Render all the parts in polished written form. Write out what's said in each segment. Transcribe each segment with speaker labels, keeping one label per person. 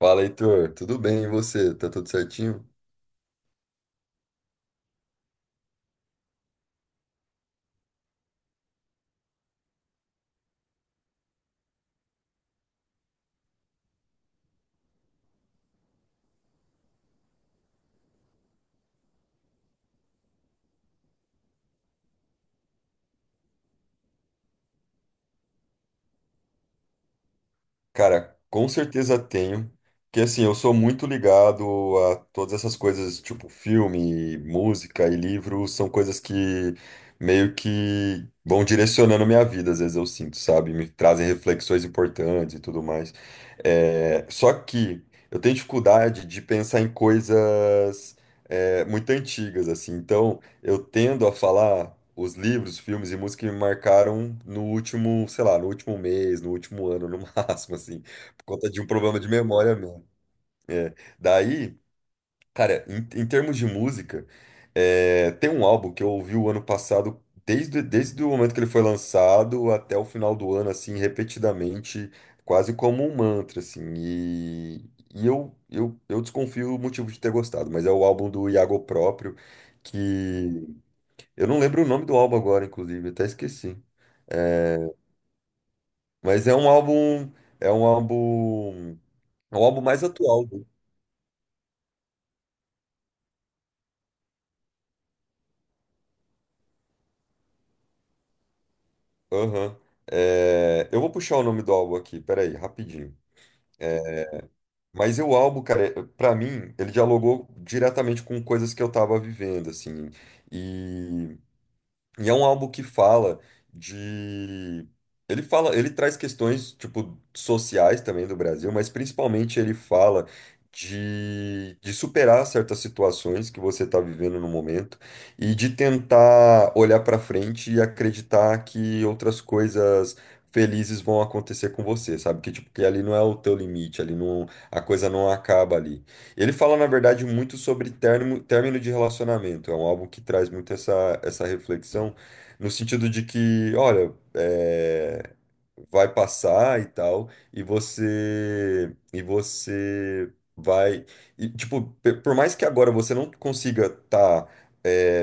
Speaker 1: Fala, Heitor. Tudo bem? E você? Tá tudo certinho? Cara, com certeza tenho. Porque assim, eu sou muito ligado a todas essas coisas, tipo filme, música e livro, são coisas que meio que vão direcionando a minha vida, às vezes eu sinto, sabe? Me trazem reflexões importantes e tudo mais. Só que eu tenho dificuldade de pensar em coisas muito antigas, assim. Então. Eu tendo a falar os livros, filmes e música que me marcaram no último, sei lá, no último mês, no último ano, no máximo, assim, por conta de um problema de memória mesmo. É. Daí, cara, em termos de música, tem um álbum que eu ouvi o ano passado, desde o momento que ele foi lançado até o final do ano, assim, repetidamente, quase como um mantra, assim, e, e eu desconfio o motivo de ter gostado, mas é o álbum do Iago Próprio, que eu não lembro o nome do álbum agora, inclusive, até esqueci. É, mas é um álbum, é um álbum, é um álbum mais atual. Aham. Eu vou puxar o nome do álbum aqui, peraí, rapidinho. Mas o álbum, cara, pra mim, ele dialogou diretamente com coisas que eu tava vivendo, assim. E é um álbum que fala de. Ele traz questões, tipo, sociais também do Brasil, mas principalmente ele fala de superar certas situações que você está vivendo no momento e de tentar olhar para frente e acreditar que outras coisas felizes vão acontecer com você, sabe? Que, tipo, que ali não é o teu limite, ali não, a coisa não acaba ali. Ele fala, na verdade, muito sobre término, término de relacionamento. É um álbum que traz muito essa, essa reflexão, no sentido de que, olha, vai passar e tal, e você vai e, tipo, por mais que agora você não consiga estar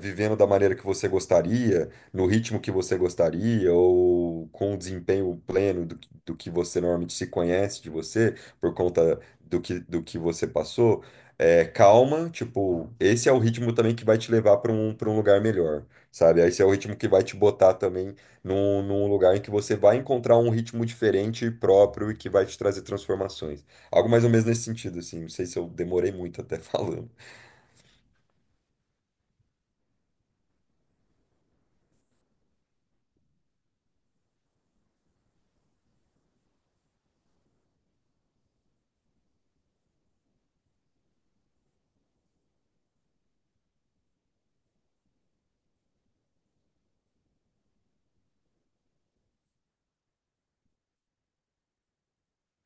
Speaker 1: vivendo da maneira que você gostaria, no ritmo que você gostaria, ou com o desempenho pleno do, do que você normalmente se conhece de você, por conta do que você passou, calma, tipo, esse é o ritmo também que vai te levar para um lugar melhor, sabe? Esse é o ritmo que vai te botar também num lugar em que você vai encontrar um ritmo diferente e próprio e que vai te trazer transformações. Algo mais ou menos nesse sentido, assim. Não sei se eu demorei muito até falando.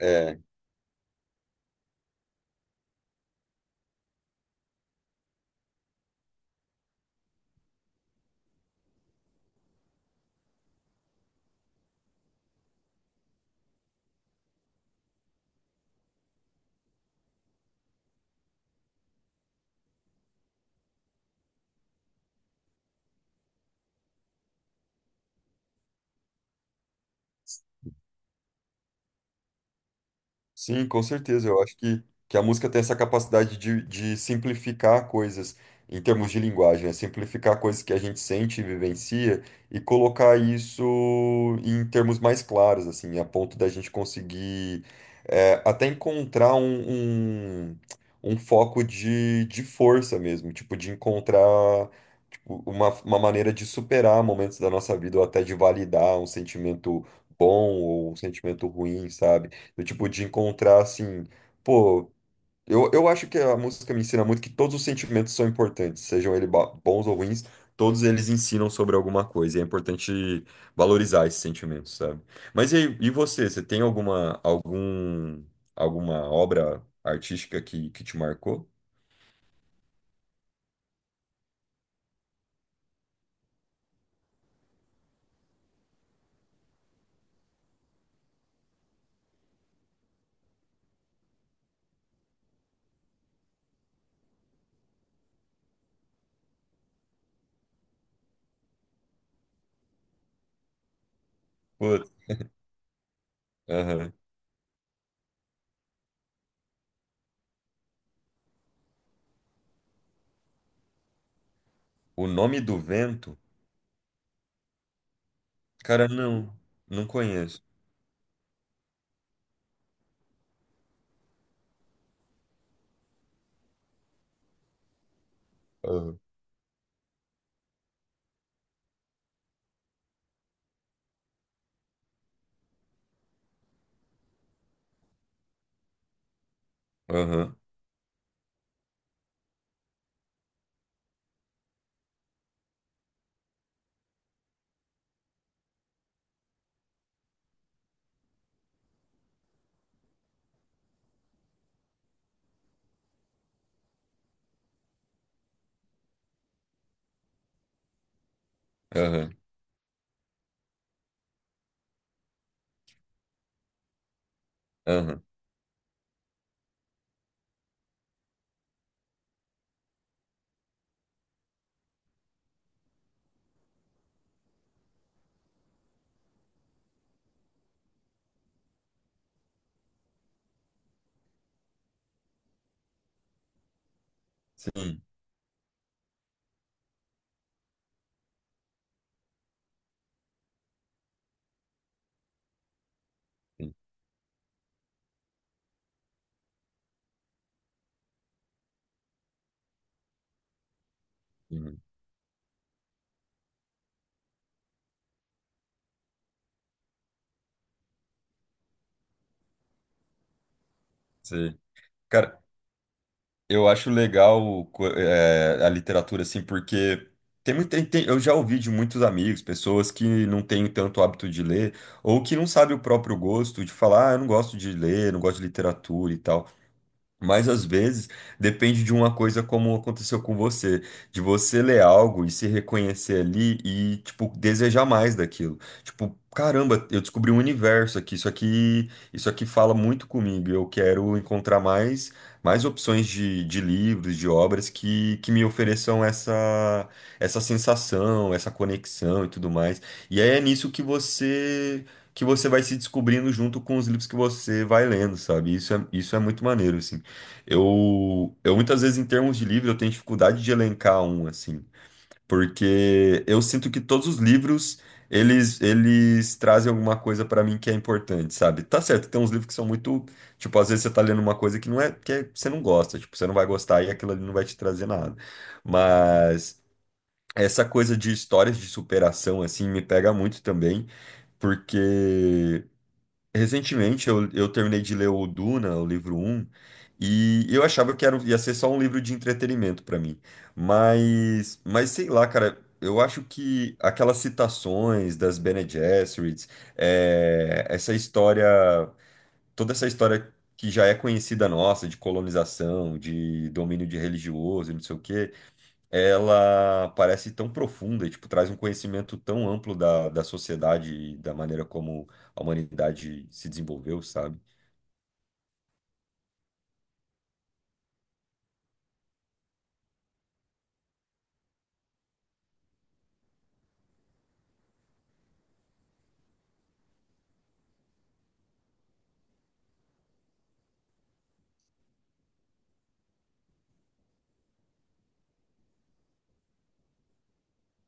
Speaker 1: É, Sim, com certeza. Eu acho que a música tem essa capacidade de simplificar coisas em termos de linguagem, né? Simplificar coisas que a gente sente e vivencia e colocar isso em termos mais claros, assim, a ponto da gente conseguir até encontrar um, um foco de força mesmo, tipo, de encontrar tipo, uma maneira de superar momentos da nossa vida ou até de validar um sentimento bom ou um sentimento ruim, sabe? Do tipo, de encontrar assim, pô, eu acho que a música me ensina muito que todos os sentimentos são importantes, sejam eles bons ou ruins, todos eles ensinam sobre alguma coisa, e é importante valorizar esses sentimentos, sabe? Mas e, aí, e você, você tem alguma obra artística que te marcou? Putz, aham. O Nome do Vento? Cara, não, não conheço. Aham, aham, aham, aham. Sim, sim, sim. Sim. Cara, eu acho legal a literatura, assim, porque tem muito, eu já ouvi de muitos amigos, pessoas que não têm tanto hábito de ler, ou que não sabem o próprio gosto de falar, ah, eu não gosto de ler, não gosto de literatura e tal. Mas às vezes depende de uma coisa como aconteceu com você, de você ler algo e se reconhecer ali e, tipo, desejar mais daquilo. Tipo, caramba, eu descobri um universo aqui, isso aqui, isso aqui fala muito comigo. Eu quero encontrar mais opções de livros, de obras que me ofereçam essa sensação, essa conexão e tudo mais. E aí é nisso que você vai se descobrindo junto com os livros que você vai lendo, sabe? Isso é muito maneiro, assim. Eu muitas vezes, em termos de livro, eu tenho dificuldade de elencar um, assim, porque eu sinto que todos os livros, eles trazem alguma coisa pra mim que é importante, sabe? Tá certo, tem uns livros que são muito, tipo, às vezes você tá lendo uma coisa que não é, você não gosta, tipo, você não vai gostar e aquilo ali não vai te trazer nada. Mas essa coisa de histórias de superação, assim, me pega muito também, porque recentemente eu terminei de ler o Duna, o livro um e eu achava que era, ia ser só um livro de entretenimento para mim. Mas sei lá, cara, eu acho que aquelas citações das Bene Gesserits, essa história, toda essa história que já é conhecida nossa, de colonização, de domínio de religioso, e não sei o quê, ela parece tão profunda e, tipo, traz um conhecimento tão amplo da sociedade e da maneira como a humanidade se desenvolveu, sabe?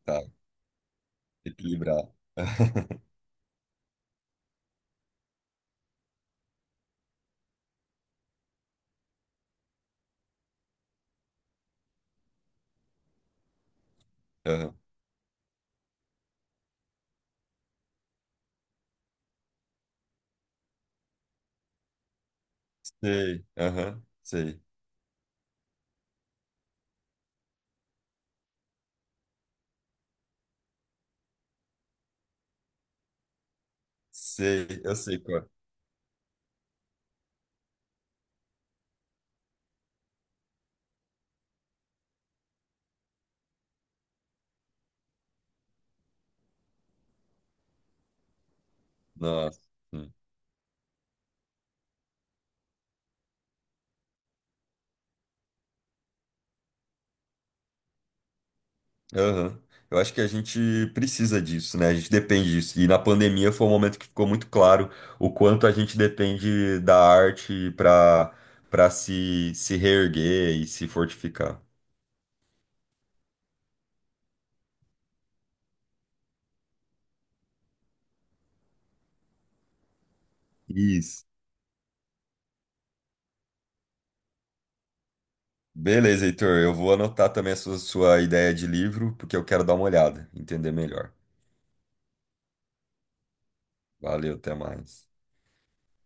Speaker 1: Tá, equilibrar. Aham. Sei, aham, sei, sei, eu sei qual é. Nossa. Hum. Aham. Eu acho que a gente precisa disso, né? A gente depende disso. E na pandemia foi um momento que ficou muito claro o quanto a gente depende da arte para se reerguer e se fortificar. Isso. Beleza, Heitor. Eu vou anotar também a sua ideia de livro, porque eu quero dar uma olhada, entender melhor. Valeu, até mais.